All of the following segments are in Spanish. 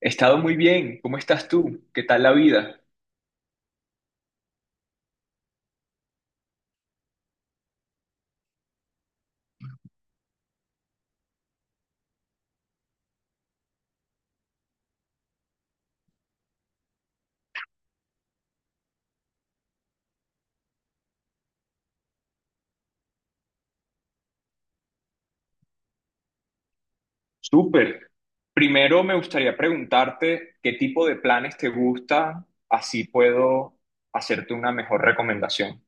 He estado muy bien. ¿Cómo estás tú? ¿Qué tal la vida? Súper. Primero me gustaría preguntarte qué tipo de planes te gustan, así puedo hacerte una mejor recomendación.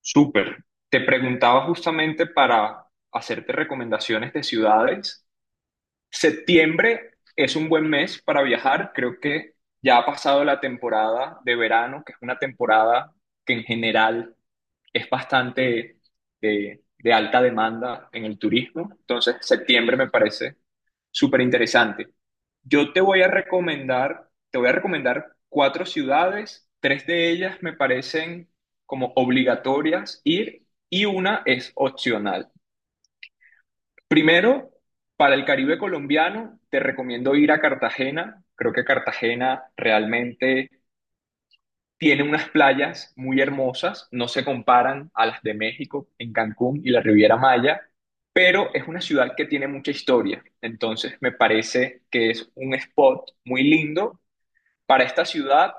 Súper. Te preguntaba justamente para hacerte recomendaciones de ciudades. Septiembre es un buen mes para viajar. Creo que ya ha pasado la temporada de verano, que es una temporada que en general es bastante de alta demanda en el turismo, entonces septiembre me parece súper interesante. Yo te voy a recomendar cuatro ciudades, tres de ellas me parecen como obligatorias ir y una es opcional. Primero, para el Caribe colombiano, te recomiendo ir a Cartagena. Creo que Cartagena realmente tiene unas playas muy hermosas, no se comparan a las de México, en Cancún y la Riviera Maya, pero es una ciudad que tiene mucha historia. Entonces me parece que es un spot muy lindo para esta ciudad.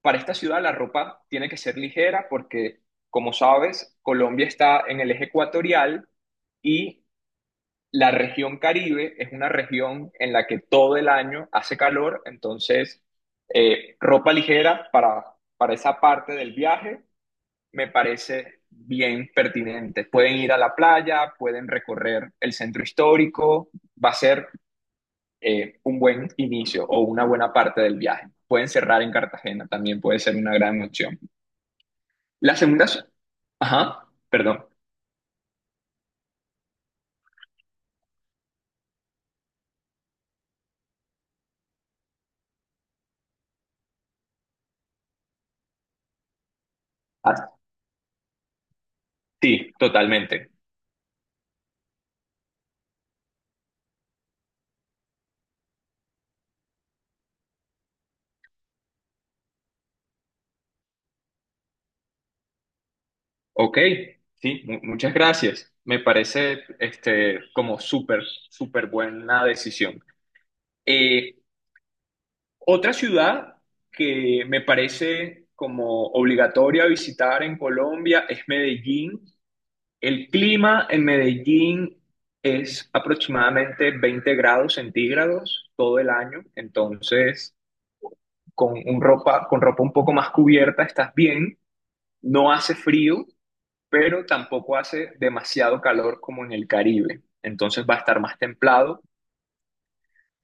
Para esta ciudad la ropa tiene que ser ligera porque, como sabes, Colombia está en el eje ecuatorial y la región Caribe es una región en la que todo el año hace calor, entonces ropa ligera para esa parte del viaje me parece bien pertinente. Pueden ir a la playa, pueden recorrer el centro histórico, va a ser un buen inicio o una buena parte del viaje. Pueden cerrar en Cartagena, también puede ser una gran opción. La segunda. Ajá, perdón. Ah, sí, totalmente. Ok, sí, muchas gracias. Me parece este, como súper, súper buena decisión. Eh, Otra ciudad que me parece como obligatoria visitar en Colombia es Medellín. El clima en Medellín es aproximadamente 20 grados centígrados todo el año, entonces con ropa un poco más cubierta estás bien, no hace frío pero tampoco hace demasiado calor como en el Caribe. Entonces va a estar más templado.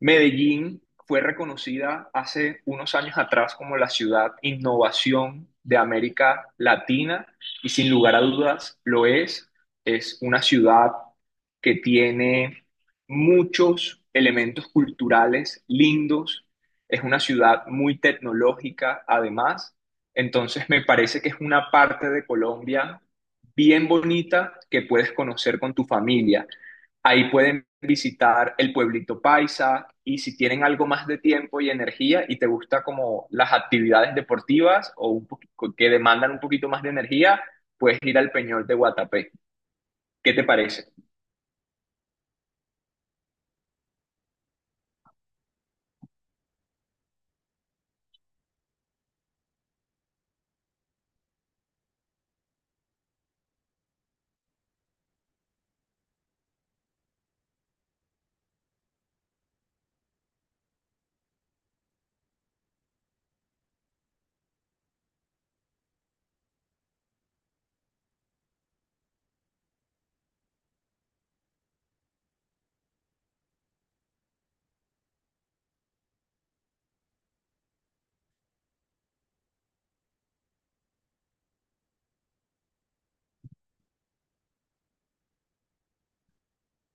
Medellín fue reconocida hace unos años atrás como la ciudad innovación de América Latina y sin lugar a dudas lo es. Es una ciudad que tiene muchos elementos culturales lindos. Es una ciudad muy tecnológica además. Entonces me parece que es una parte de Colombia bien bonita que puedes conocer con tu familia. Ahí pueden visitar el pueblito Paisa y si tienen algo más de tiempo y energía y te gusta como las actividades deportivas o que demandan un poquito más de energía, puedes ir al Peñol de Guatapé. ¿Qué te parece?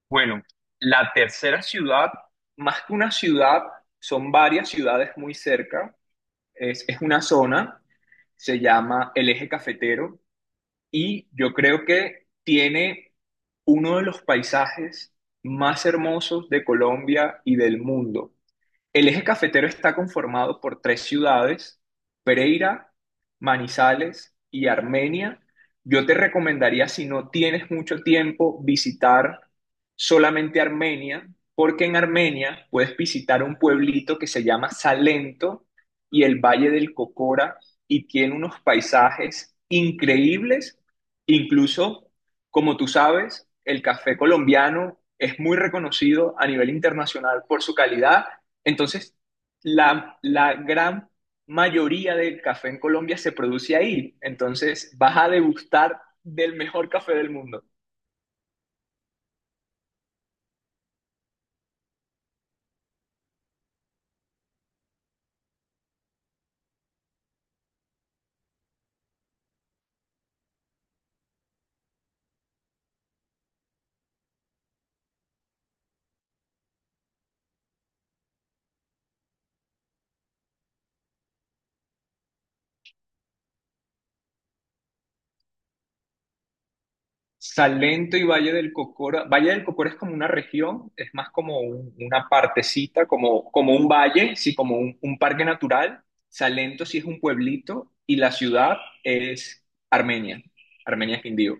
Bueno, la tercera ciudad, más que una ciudad, son varias ciudades muy cerca. Es una zona, se llama el Eje Cafetero. Y yo creo que tiene uno de los paisajes más hermosos de Colombia y del mundo. El eje cafetero está conformado por tres ciudades, Pereira, Manizales y Armenia. Yo te recomendaría, si no tienes mucho tiempo, visitar solamente Armenia, porque en Armenia puedes visitar un pueblito que se llama Salento y el Valle del Cocora y tiene unos paisajes increíbles. Incluso, como tú sabes, el café colombiano es muy reconocido a nivel internacional por su calidad, entonces, la gran mayoría del café en Colombia se produce ahí. Entonces, vas a degustar del mejor café del mundo. Salento y Valle del Cocora. Valle del Cocora es como una región, es más como una partecita, como un valle, sí, como un parque natural. Salento sí es un pueblito y la ciudad es Armenia. Armenia es Quindío.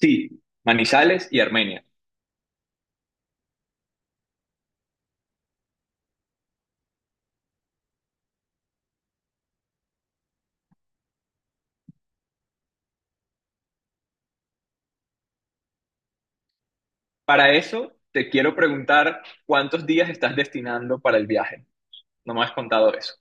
Sí, Manizales y Armenia. Para eso, te quiero preguntar cuántos días estás destinando para el viaje. No me has contado eso.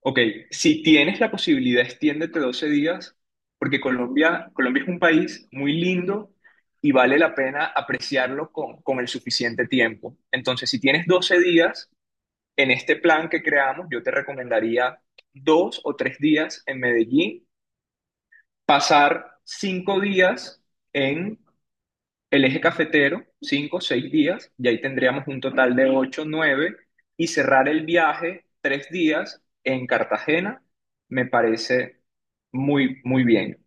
Ok, si tienes la posibilidad, extiéndete 12 días, porque Colombia es un país muy lindo y vale la pena apreciarlo con el suficiente tiempo. Entonces, si tienes 12 días en este plan que creamos, yo te recomendaría 2 o 3 días en Medellín, pasar 5 días en el eje cafetero, 5 6 días, y ahí tendríamos un total de 8 9 y cerrar el viaje 3 días en Cartagena, me parece muy, muy bien.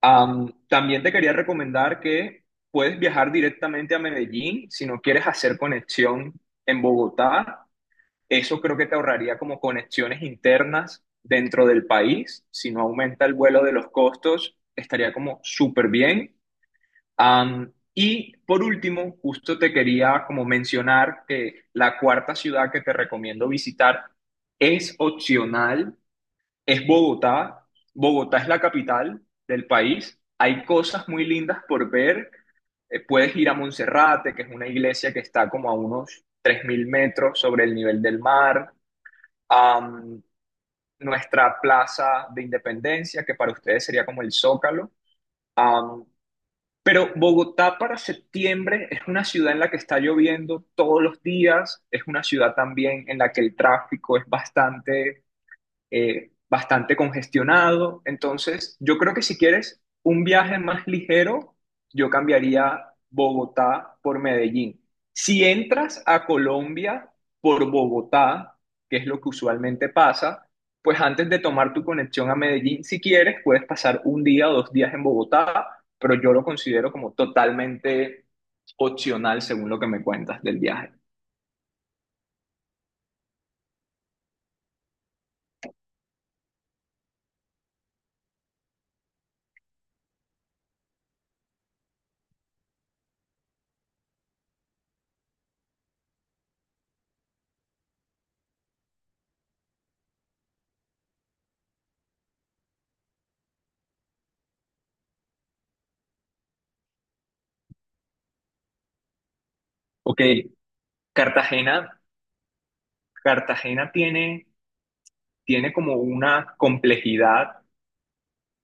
También te quería recomendar que puedes viajar directamente a Medellín si no quieres hacer conexión en Bogotá. Eso creo que te ahorraría como conexiones internas dentro del país. Si no aumenta el vuelo de los costos, estaría como súper bien. Y por último, justo te quería como mencionar que la cuarta ciudad que te recomiendo visitar es opcional, es Bogotá. Bogotá es la capital del país. Hay cosas muy lindas por ver. Puedes ir a Monserrate, que es una iglesia que está como a unos 3.000 metros sobre el nivel del mar. Am, Nuestra Plaza de Independencia, que para ustedes sería como el Zócalo. Am, pero Bogotá para septiembre es una ciudad en la que está lloviendo todos los días, es una ciudad también en la que el tráfico es bastante congestionado. Entonces, yo creo que si quieres un viaje más ligero, yo cambiaría Bogotá por Medellín. Si entras a Colombia por Bogotá, que es lo que usualmente pasa, pues antes de tomar tu conexión a Medellín, si quieres, puedes pasar un día o 2 días en Bogotá, pero yo lo considero como totalmente opcional según lo que me cuentas del viaje. Ok, Cartagena, Cartagena tiene como una complejidad,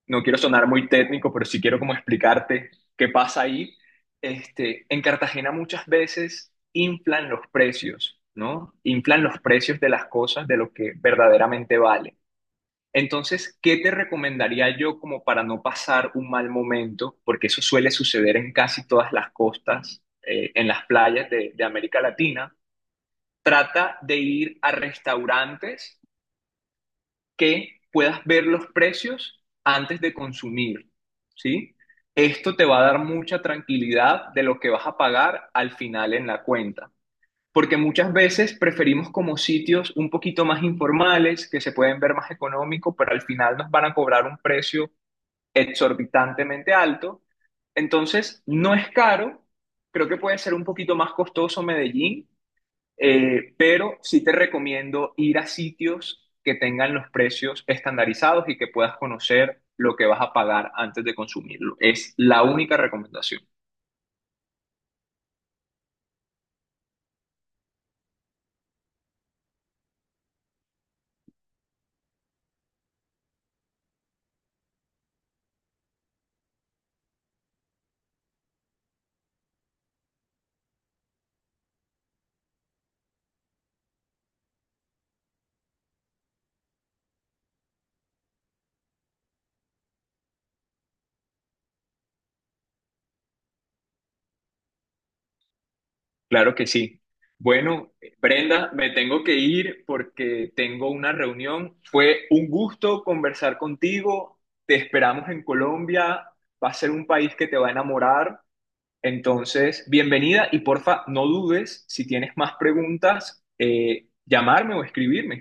no quiero sonar muy técnico, pero sí quiero como explicarte qué pasa ahí. Este, en Cartagena muchas veces inflan los precios, ¿no? Inflan los precios de las cosas, de lo que verdaderamente vale. Entonces, ¿qué te recomendaría yo como para no pasar un mal momento? Porque eso suele suceder en casi todas las costas, en las playas de América Latina. Trata de ir a restaurantes que puedas ver los precios antes de consumir, ¿sí? Esto te va a dar mucha tranquilidad de lo que vas a pagar al final en la cuenta, porque muchas veces preferimos como sitios un poquito más informales, que se pueden ver más económicos, pero al final nos van a cobrar un precio exorbitantemente alto. Entonces, no es caro, creo que puede ser un poquito más costoso Medellín, pero sí te recomiendo ir a sitios que tengan los precios estandarizados y que puedas conocer lo que vas a pagar antes de consumirlo. Es la única recomendación. Claro que sí. Bueno, Brenda, me tengo que ir porque tengo una reunión. Fue un gusto conversar contigo. Te esperamos en Colombia. Va a ser un país que te va a enamorar. Entonces, bienvenida y porfa, no dudes si tienes más preguntas, llamarme o escribirme.